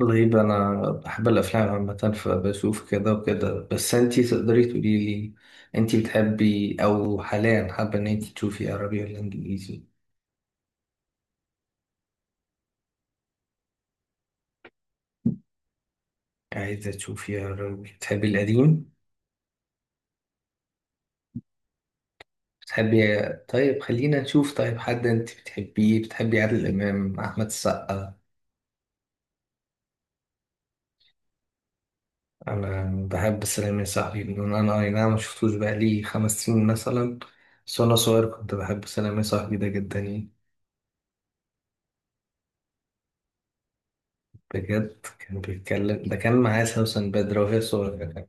طيب، أنا بحب الأفلام عامة فبشوف كده وكده، بس أنتي تقدري تقولي لي أنتي بتحبي أو حاليا حابة إن أنتي تشوفي عربي ولا إنجليزي؟ عايزة تشوفي عربي، بتحبي القديم؟ بتحبي طيب خلينا نشوف. طيب حد أنتي بتحبيه؟ بتحبي عادل إمام، أحمد السقا؟ أنا بحب سلام يا صاحبي. بدون أنا، أي نعم مشفتوش بقالي 5 سنين مثلا، بس وأنا صغير كنت بحب سلام يا صاحبي ده جدا يعني. بجد كان بيتكلم، ده كان معاه سوسن بدر وهي صغيرة.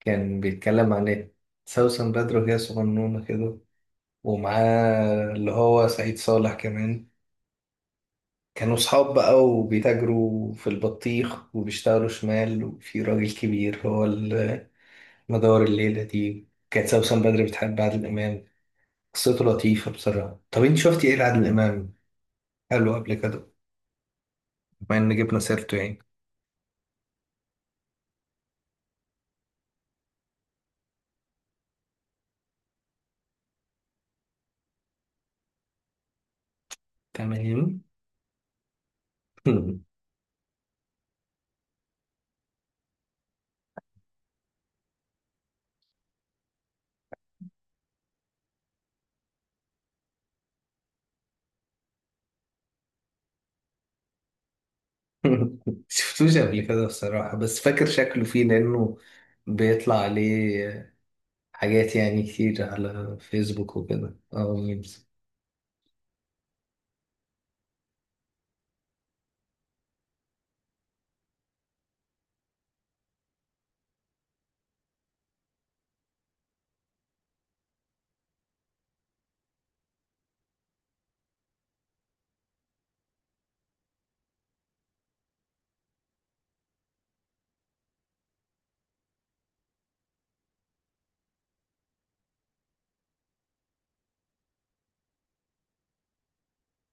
كان بيتكلم عن ايه؟ سوسن بدر وهي صغنونة كده، ومعاه اللي هو سعيد صالح كمان. كانوا صحاب بقى، وبيتاجروا في البطيخ وبيشتغلوا شمال، وفي راجل كبير هو. مدار الليلة دي كانت سوسن بدر بتحب عادل إمام. قصته لطيفة بصراحة. طب انت شفتي ايه لعادل إمام؟ قالوا قبل كده، بما ان جبنا سيرته يعني. تمام. شفتوش قبل كده بصراحة، بس فاكر شكله فيه، لأنه بيطلع عليه حاجات يعني كتير على فيسبوك وكده، ميمز.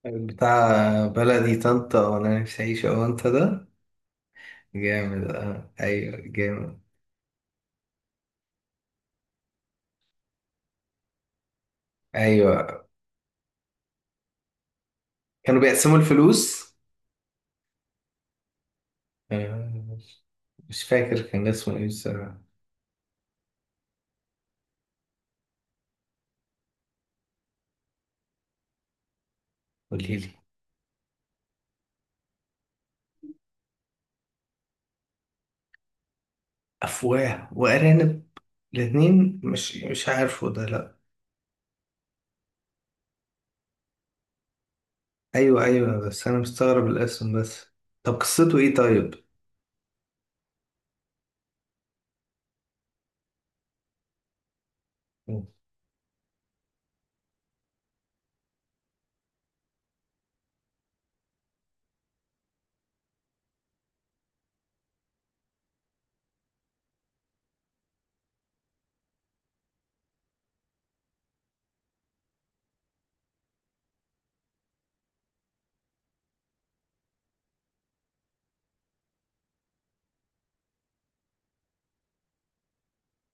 بتاع بلدي طنطا وأنا نفسي أعيش، أه أنت ده. جامد، اه، أيوه جامد. أيوه كانوا بيقسموا الفلوس. آه، مش فاكر كان اسمه إيه بصراحة. قوليلي. أفواه وأرانب؟ الاتنين، مش عارفه ده، لأ. ايوه ايوه، بس انا مستغرب الاسم بس. طب قصته ايه طيب؟ مم.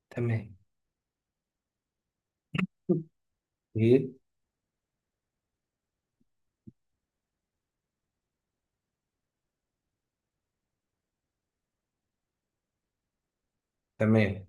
تمام. ايه. تمام.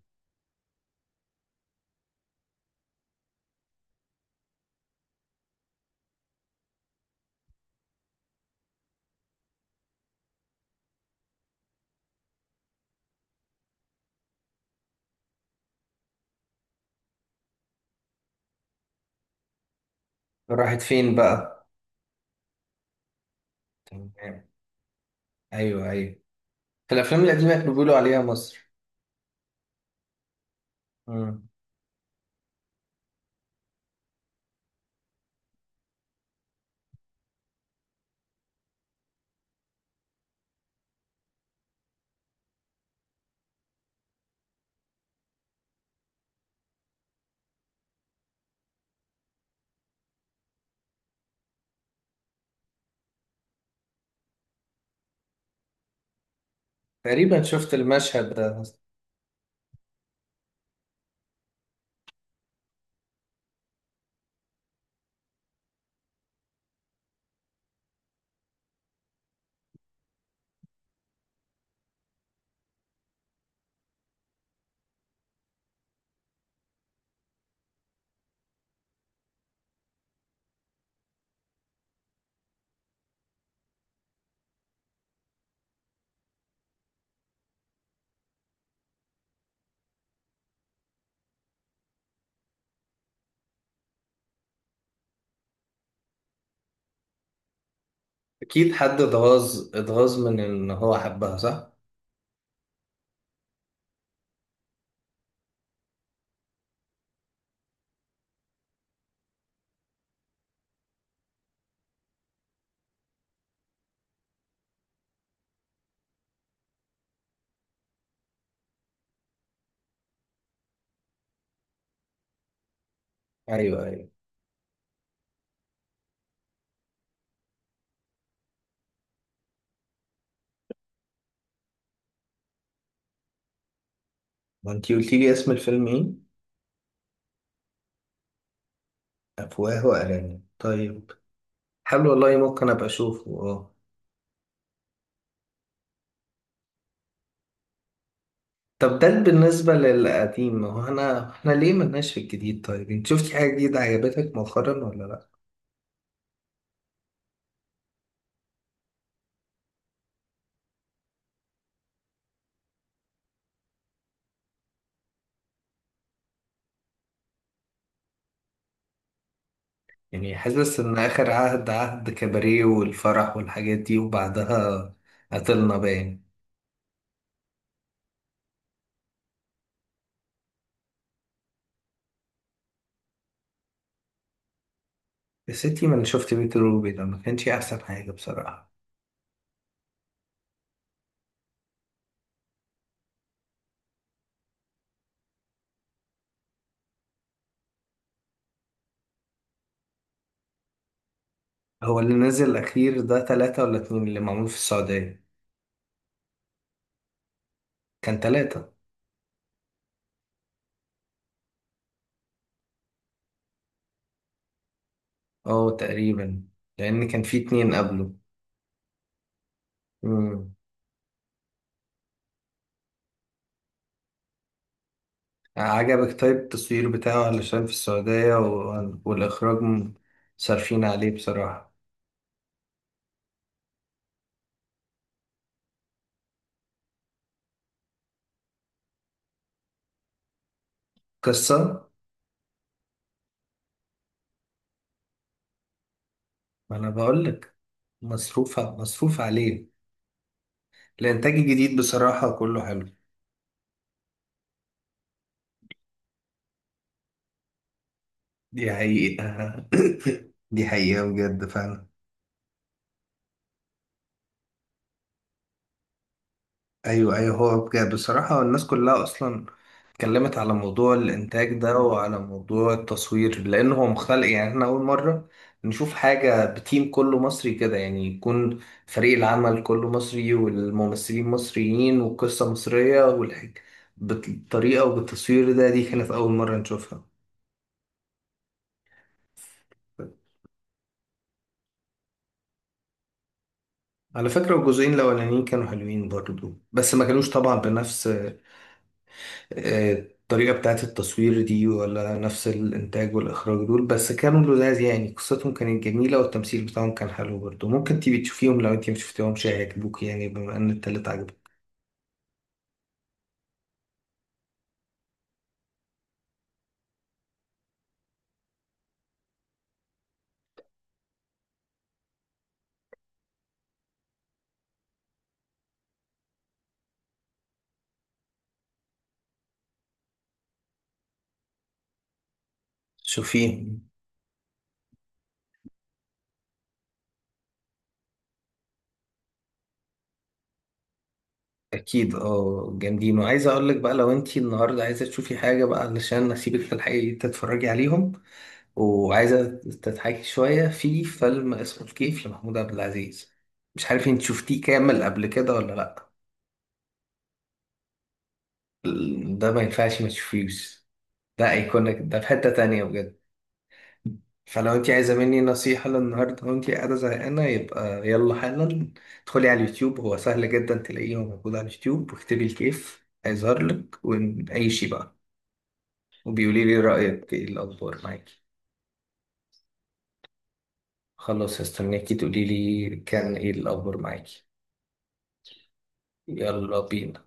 راحت فين بقى؟ تمام. ايوه ايوه، في الافلام القديمه كانوا بيقولوا عليها مصر. مم. تقريبا شفت المشهد ده. اكيد حد اتغاظ، اتغاظ من ان هو حبها، صح؟ ايوه ايوه. ما انتي قلتي لي اسم الفيلم ايه؟ افواه وارانب، طيب. حلو والله، ممكن ابقى اشوفه، اه. طب ده بالنسبة للقديم، هو احنا ليه ملناش في الجديد؟ طيب انت شفتي حاجة جديدة عجبتك مؤخرا ولا لا؟ يعني حاسس ان اخر عهد كباريه والفرح والحاجات دي، وبعدها قتلنا باين. بس انتي من شفت بيت روبي ده ما كانش احسن حاجة بصراحة. هو اللي نزل الاخير ده تلاتة ولا اتنين اللي معمول في السعودية؟ كان تلاتة. اه تقريبا، لان كان في اتنين قبله. يعني عجبك؟ طيب التصوير بتاعه علشان في السعودية والإخراج. صارفين عليه بصراحة. قصة. ما أنا بقولك، مصروف مصروف عليه. الإنتاج الجديد بصراحة كله حلو. دي حقيقة. دي حقيقة بجد. ايوه ايوه، هو بجد بصراحة الناس كلها اصلا اتكلمت على موضوع الانتاج ده وعلى موضوع التصوير، لان هو مختلف. يعني احنا اول مرة نشوف حاجة بتيم كله مصري كده، يعني يكون فريق العمل كله مصري والممثلين مصريين والقصة مصرية والحاجة بالطريقة وبالتصوير ده، دي كانت اول مرة نشوفها. على فكرة الجزئين الاولانيين كانوا حلوين برضو، بس ما كانوش طبعا بنفس الطريقة بتاعت التصوير دي، ولا نفس الإنتاج والإخراج دول، بس كانوا لذاذ يعني، قصتهم كانت جميلة والتمثيل بتاعهم كان حلو برضه. ممكن تيجي تشوفيهم لو أنت مشفتيهمش، هيعجبوك يعني، بما إن التالت عجبك. شوفيهم، أكيد أه جامدين. وعايز أقولك بقى، لو أنت النهاردة عايزة تشوفي حاجة بقى علشان نسيبك في الحقيقة تتفرجي عليهم، وعايزة تضحكي شوية، في فيلم اسمه الكيف لمحمود عبد العزيز. مش عارف أنت شفتيه كامل قبل كده ولا لأ؟ ده ما ينفعش ما تشوفيهوش، ده ايكونيك، ده في حتة تانية بجد. فلو انت عايزة مني نصيحة للنهاردة وانت قاعدة زهقانة، يبقى يلا حالا ادخلي على اليوتيوب، هو سهل جدا تلاقيه موجود على اليوتيوب، واكتبي الكيف هيظهر لك ونعيشي بقى. وبيقولي لي رأيك ايه الأخبار معاكي. خلاص، هستناكي تقولي لي كان ايه الأخبار معاكي. يلا بينا.